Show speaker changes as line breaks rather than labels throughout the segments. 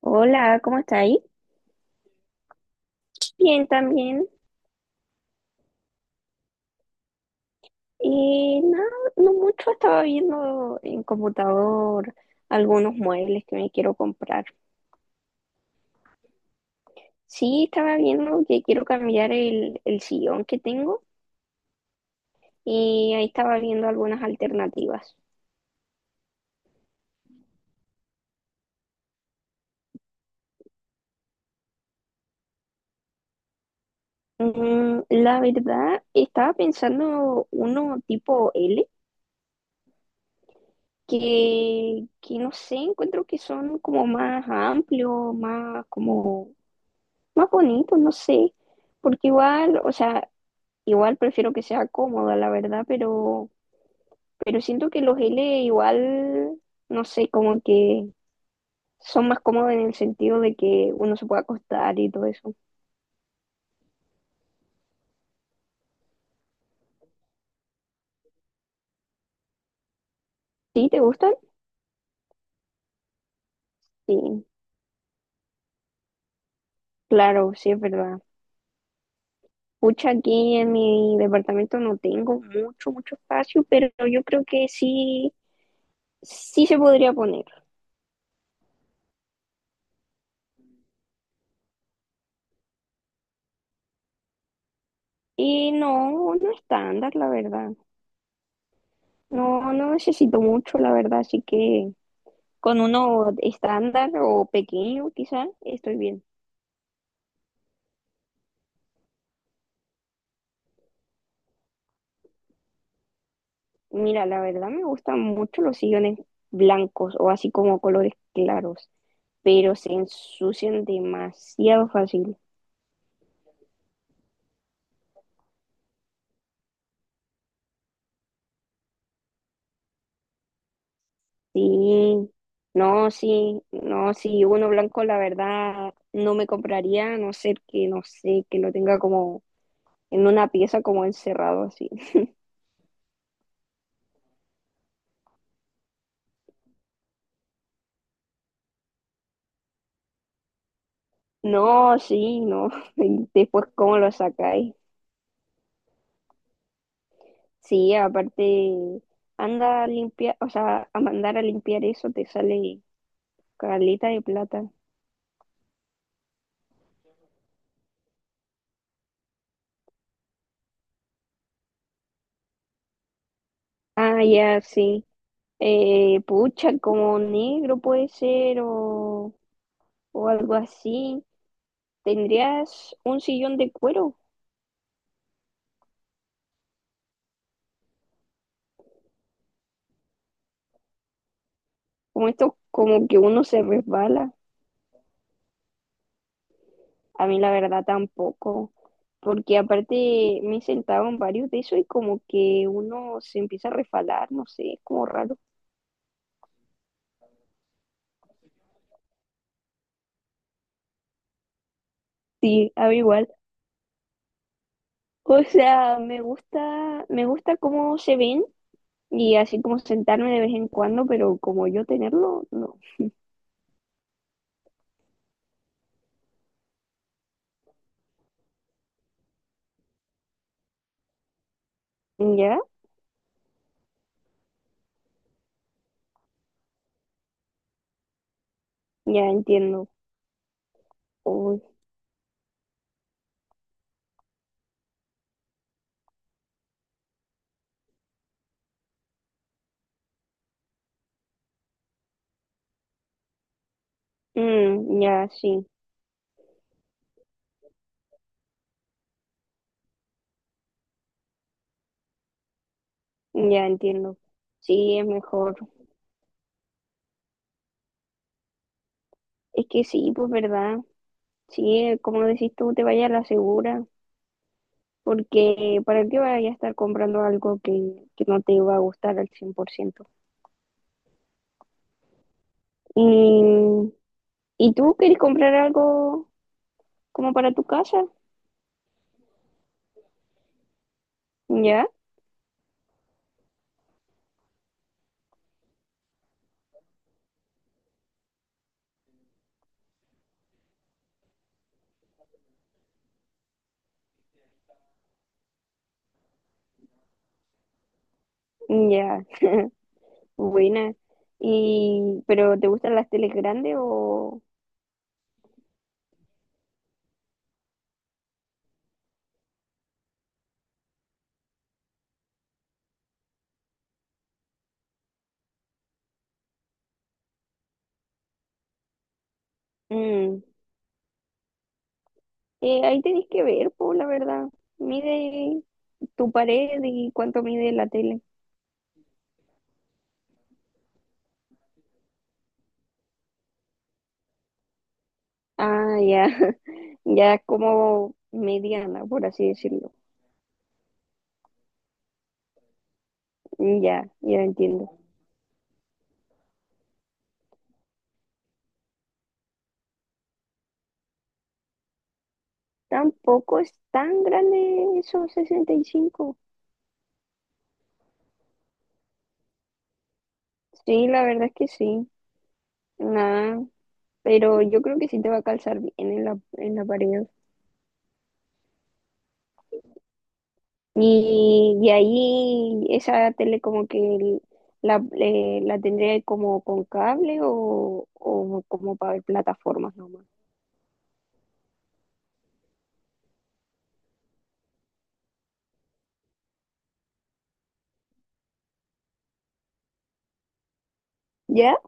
Hola, ¿cómo estáis? Bien, también. Nada, no mucho. Estaba viendo en computador algunos muebles que me quiero comprar. Sí, estaba viendo que quiero cambiar el sillón que tengo y ahí estaba viendo algunas alternativas. La verdad, estaba pensando uno tipo L, que no sé, encuentro que son como más amplios, más como más bonitos, no sé. Porque igual, o sea, igual prefiero que sea cómoda, la verdad, pero siento que los L igual, no sé, como que son más cómodos en el sentido de que uno se puede acostar y todo eso. ¿Sí? ¿Te gustan? Sí, claro, sí es verdad. Pucha, aquí en mi departamento no tengo mucho, mucho espacio, pero yo creo que sí, sí se podría poner. Y no, no estándar, la verdad. No, no necesito mucho, la verdad, así que con uno estándar o pequeño, quizá, estoy bien. Mira, la verdad me gustan mucho los sillones blancos o así como colores claros, pero se ensucian demasiado fácil. Sí, no, sí, no, sí, uno blanco la verdad no me compraría, a no ser que, no sé, que lo tenga como en una pieza como encerrado así. No, sí, no, y después cómo lo sacáis. Sí, aparte, anda a limpiar, o sea, a mandar a limpiar eso te sale caleta de plata. Ah, ya, sí. Pucha, como negro puede ser o algo así. ¿Tendrías un sillón de cuero? Como esto, como que uno se resbala. A mí la verdad tampoco. Porque aparte me he sentado en varios de eso y como que uno se empieza a resbalar, no sé, es como raro. Sí, a mí igual. O sea, me gusta cómo se ven y así como sentarme de vez en cuando, pero como yo tenerlo, no. Ya, ya entiendo. Uy, ya sí, ya entiendo. Sí, es mejor. Es que sí, pues verdad. Sí, como decís tú, te vayas a la segura, porque ¿para qué vayas a estar comprando algo que no te va a gustar al 100%? ¿Y, ¿y tú querés comprar algo como para tu casa? ¿Ya? Ya. Buena. Y, ¿pero te gustan las teles grandes o? Mm, Ahí tenés que ver, pues la verdad. Mide tu pared y cuánto mide la tele. Ah, ya, ya como mediana, por así decirlo. Ya, ya entiendo. Tampoco es tan grande esos 65. Sí, la verdad es que sí. Nada, pero yo creo que sí te va a calzar bien en la, pared. Y ahí esa tele como que la tendría como con cable o como para ver plataformas nomás. ¿Ya?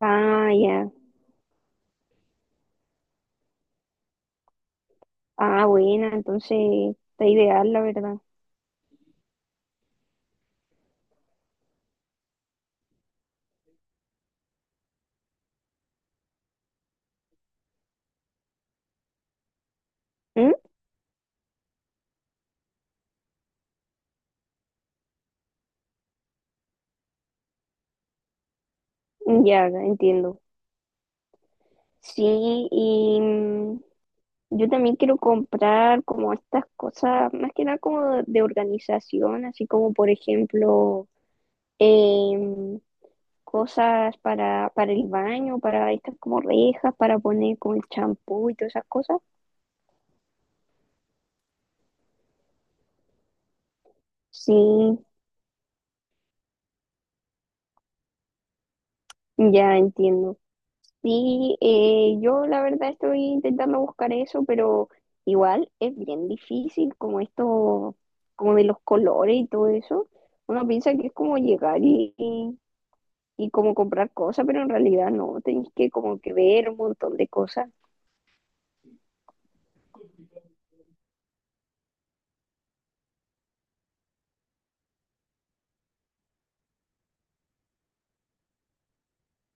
Ah, ya. Ah, buena, entonces está ideal, la verdad. ¿Mm? Ya, entiendo. Sí, y yo también quiero comprar como estas cosas, más que nada como de, organización, así como por ejemplo em, cosas para el baño, para estas como rejas, para poner como el champú y todas esas cosas. Sí, ya entiendo. Sí, yo la verdad estoy intentando buscar eso, pero igual es bien difícil como esto, como de los colores y todo eso. Uno piensa que es como llegar y como comprar cosas, pero en realidad no, tenés que como que ver un montón de cosas.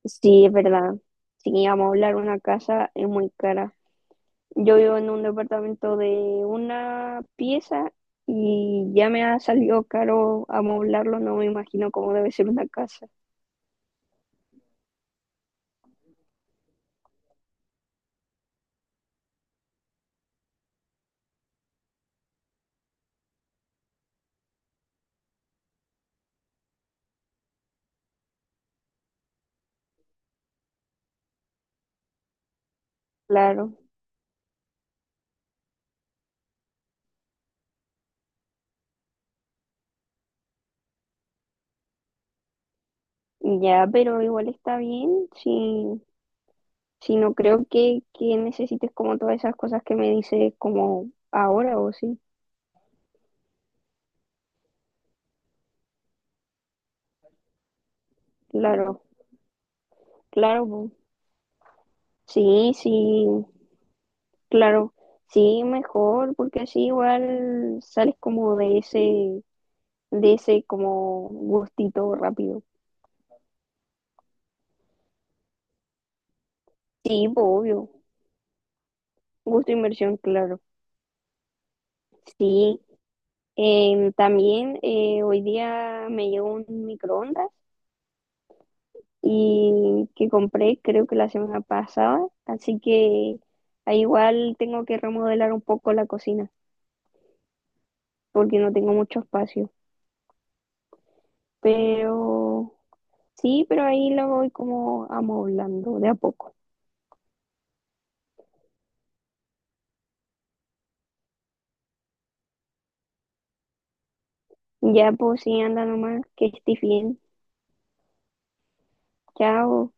Sí, es verdad. Sí, vamos a hablar, una casa es muy cara. Yo vivo en un departamento de una pieza y ya me ha salido caro amoblarlo, no me imagino cómo debe ser una casa. Claro. Ya, pero igual está bien, si no creo que necesites como todas esas cosas que me dices como ahora o sí, claro, claro, po. Sí, sí, claro, sí, mejor, porque así igual sales como de ese, como gustito rápido. Sí, po, obvio, gusto inversión, claro, sí. También hoy día me llegó un microondas y que compré creo que la semana pasada, así que ahí igual tengo que remodelar un poco la cocina porque no tengo mucho espacio, pero sí, pero ahí lo voy como amoblando de a poco. Ya pues sí, anda nomás, que estés bien. Chao.